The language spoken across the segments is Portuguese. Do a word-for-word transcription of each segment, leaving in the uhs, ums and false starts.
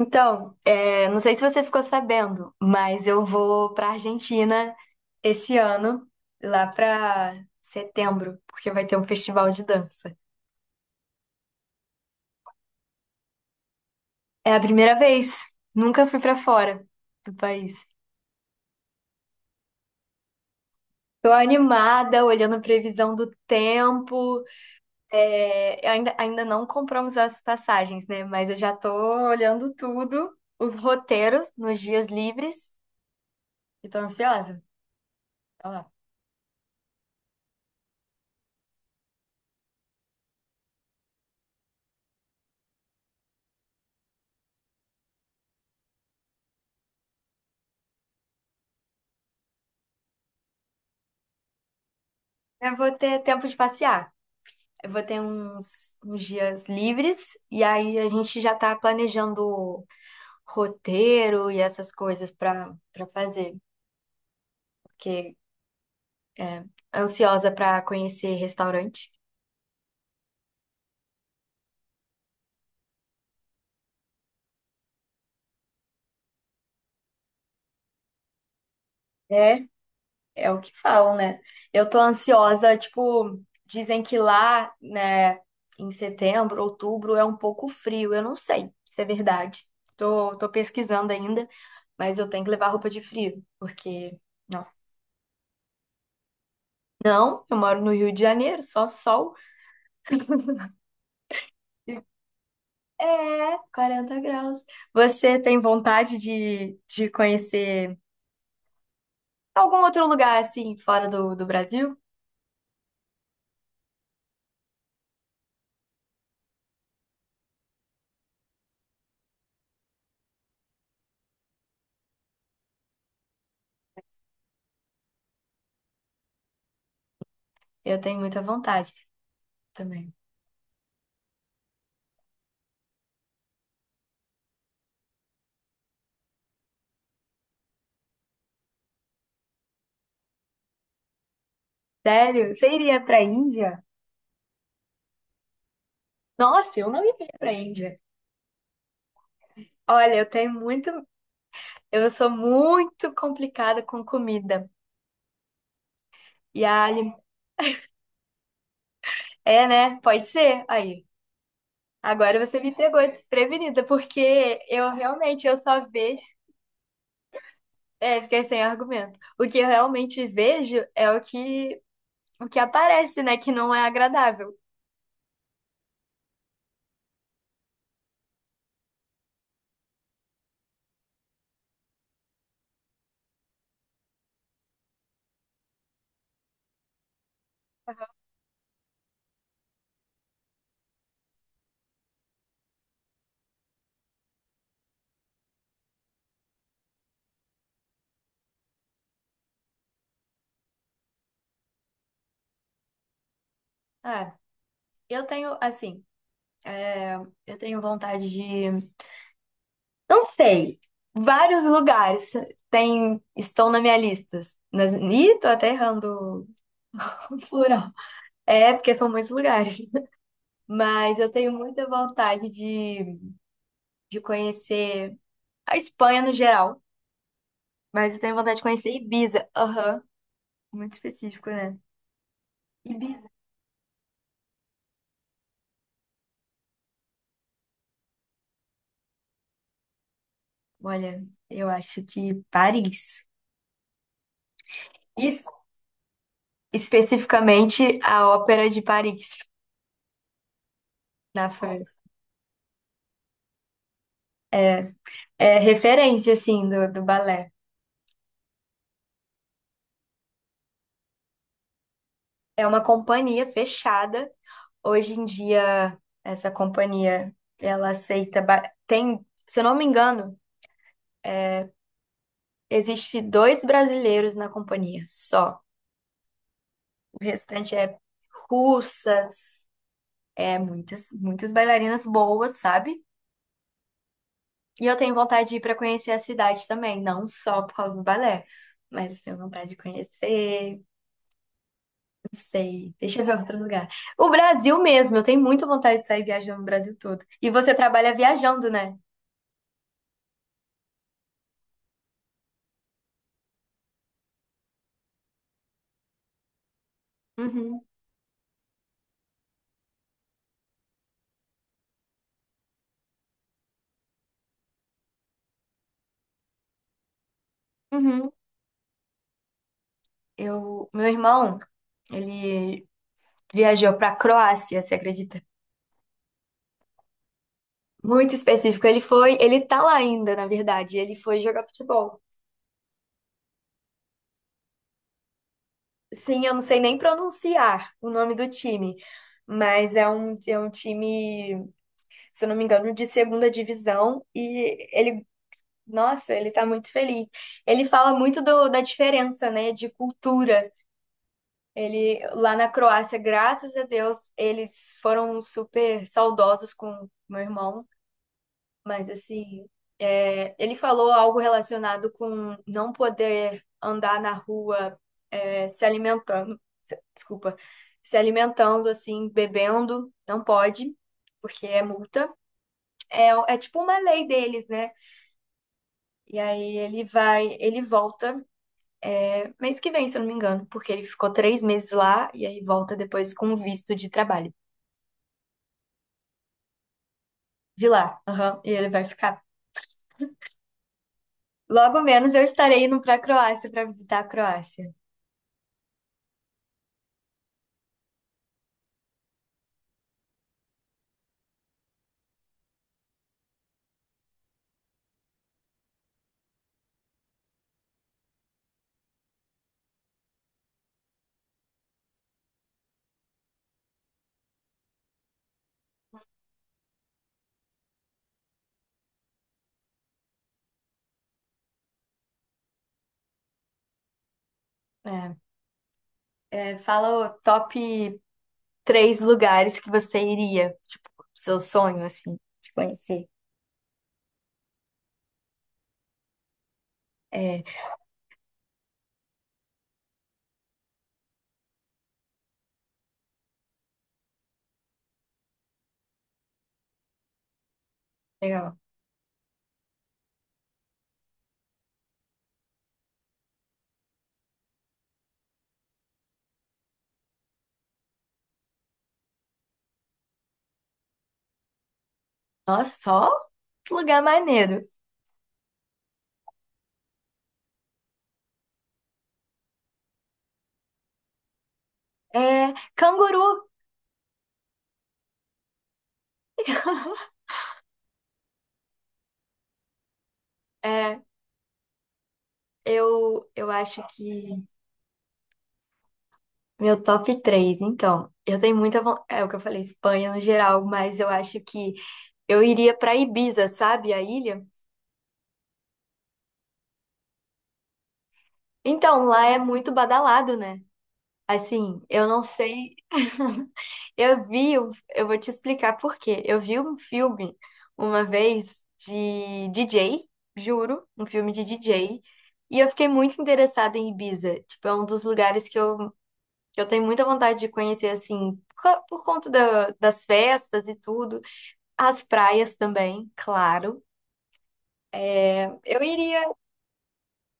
Então, é, não sei se você ficou sabendo, mas eu vou para Argentina esse ano, lá para setembro, porque vai ter um festival de dança. É a primeira vez, nunca fui para fora do país. Tô animada, olhando a previsão do tempo. é, ainda, ainda não compramos as passagens, né? Mas eu já tô olhando tudo, os roteiros nos dias livres, e tô ansiosa. Olha lá. Eu vou ter tempo de passear. Eu vou ter uns, uns dias livres e aí a gente já tá planejando roteiro e essas coisas pra para fazer, porque é ansiosa pra conhecer restaurante. É, é o que falam, né? Eu tô ansiosa, tipo, dizem que lá, né, em setembro, outubro é um pouco frio. Eu não sei se é verdade. Tô, tô pesquisando ainda, mas eu tenho que levar roupa de frio, porque não. Não, eu moro no Rio de Janeiro, só sol. É, quarenta graus. Você tem vontade de, de conhecer algum outro lugar assim, fora do, do Brasil? Eu tenho muita vontade também. Sério? Você iria pra Índia? Nossa, eu não iria pra Índia. Olha, eu tenho muito. Eu sou muito complicada com comida. E a. ali É, né? Pode ser. Aí. Agora você me pegou desprevenida, porque eu realmente eu só vejo. É, fiquei sem argumento. O que eu realmente vejo é o que o que aparece, né, que não é agradável. É, eu tenho, assim, é, eu tenho vontade de, não sei, vários lugares tem, estão na minha lista. Nas, ih, tô até errando o plural. É, porque são muitos lugares. Mas eu tenho muita vontade de, de conhecer a Espanha no geral. Mas eu tenho vontade de conhecer Ibiza. Aham, muito específico, né? Ibiza. Olha, eu acho que Paris. Isso especificamente a Ópera de Paris, na França. É, é referência, assim, do, do balé. É uma companhia fechada. Hoje em dia, essa companhia, ela aceita... ba- Tem, se eu não me engano, existe dois brasileiros na companhia, só. O restante é russas, é muitas, muitas bailarinas boas, sabe? E eu tenho vontade de ir para conhecer a cidade também, não só por causa do balé, mas tenho vontade de conhecer. Sei. Deixa eu ver outro lugar. O Brasil mesmo. Eu tenho muita vontade de sair viajando o Brasil todo. E você trabalha viajando, né? Uhum. Uhum. Eu, meu irmão, ele viajou pra Croácia, você acredita? Muito específico. Ele foi, ele tá lá ainda, na verdade. Ele foi jogar futebol. Sim, eu não sei nem pronunciar o nome do time, mas é um, é um time, se eu não me engano, de segunda divisão. E ele Nossa, ele tá muito feliz. Ele fala muito do- da diferença, né, de cultura. Ele lá na Croácia, graças a Deus, eles foram super saudosos com meu irmão, mas assim, é, ele falou algo relacionado com não poder andar na rua, é, se alimentando, se- desculpa, se alimentando assim, bebendo, não pode, porque é multa. É, é tipo uma lei deles, né? E aí ele vai, ele volta. É, mês que vem, se eu não me engano, porque ele ficou três meses lá e aí volta depois com um visto de trabalho. De lá, aham, e ele vai ficar. Logo menos eu estarei indo para a Croácia para visitar a Croácia. É, é, Fala o top três lugares que você iria, tipo, seu sonho, assim, de conhecer. É, legal. Nossa, só lugar maneiro. É, canguru. É, eu, eu acho que Meu top três então. Eu tenho muita vontade. É o que eu falei, Espanha no geral, mas eu acho que eu iria pra Ibiza, sabe? A ilha. Então, lá é muito badalado, né? Assim, eu não sei. Eu vi, um- eu vou te explicar por quê. Eu vi um filme uma vez de D J, juro, um filme de D J, e eu fiquei muito interessada em Ibiza. Tipo, é um dos lugares que eu, que eu, tenho muita vontade de conhecer, assim, por, ca- por conta da- das festas e tudo. As praias também, claro. É, Eu iria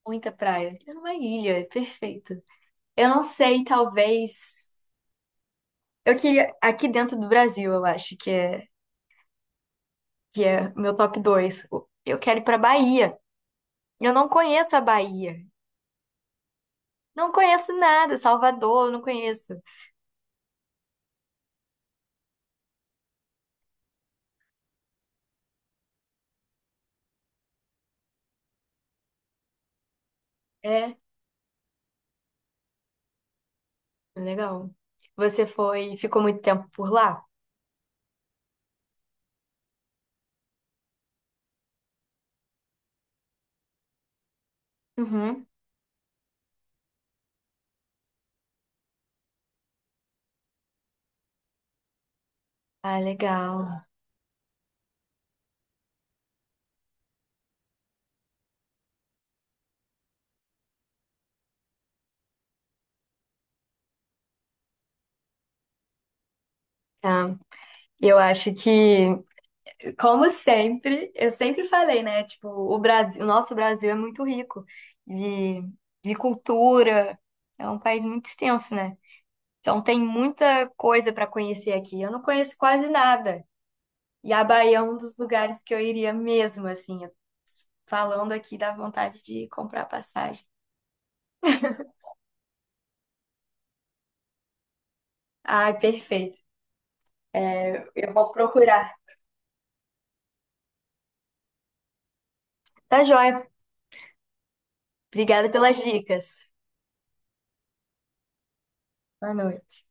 muita praia. É uma ilha, é perfeito. Eu não sei, talvez. Eu queria aqui dentro do Brasil, eu acho que é que é meu top dois Eu quero ir pra Bahia. Eu não conheço a Bahia. Não conheço nada, Salvador, eu não conheço. É, legal. Você foi, ficou muito tempo por lá? Uhum. Ah, legal. Tá. Eu acho que Como sempre, eu sempre falei, né? Tipo, o Brasil, o nosso Brasil é muito rico de, de cultura, é um país muito extenso, né? Então tem muita coisa para conhecer aqui. Eu não conheço quase nada. E a Bahia é um dos lugares que eu iria mesmo, assim, falando aqui da vontade de comprar passagem. Ai, perfeito. É, eu vou procurar. Tá joia. Obrigada pelas dicas. Boa noite.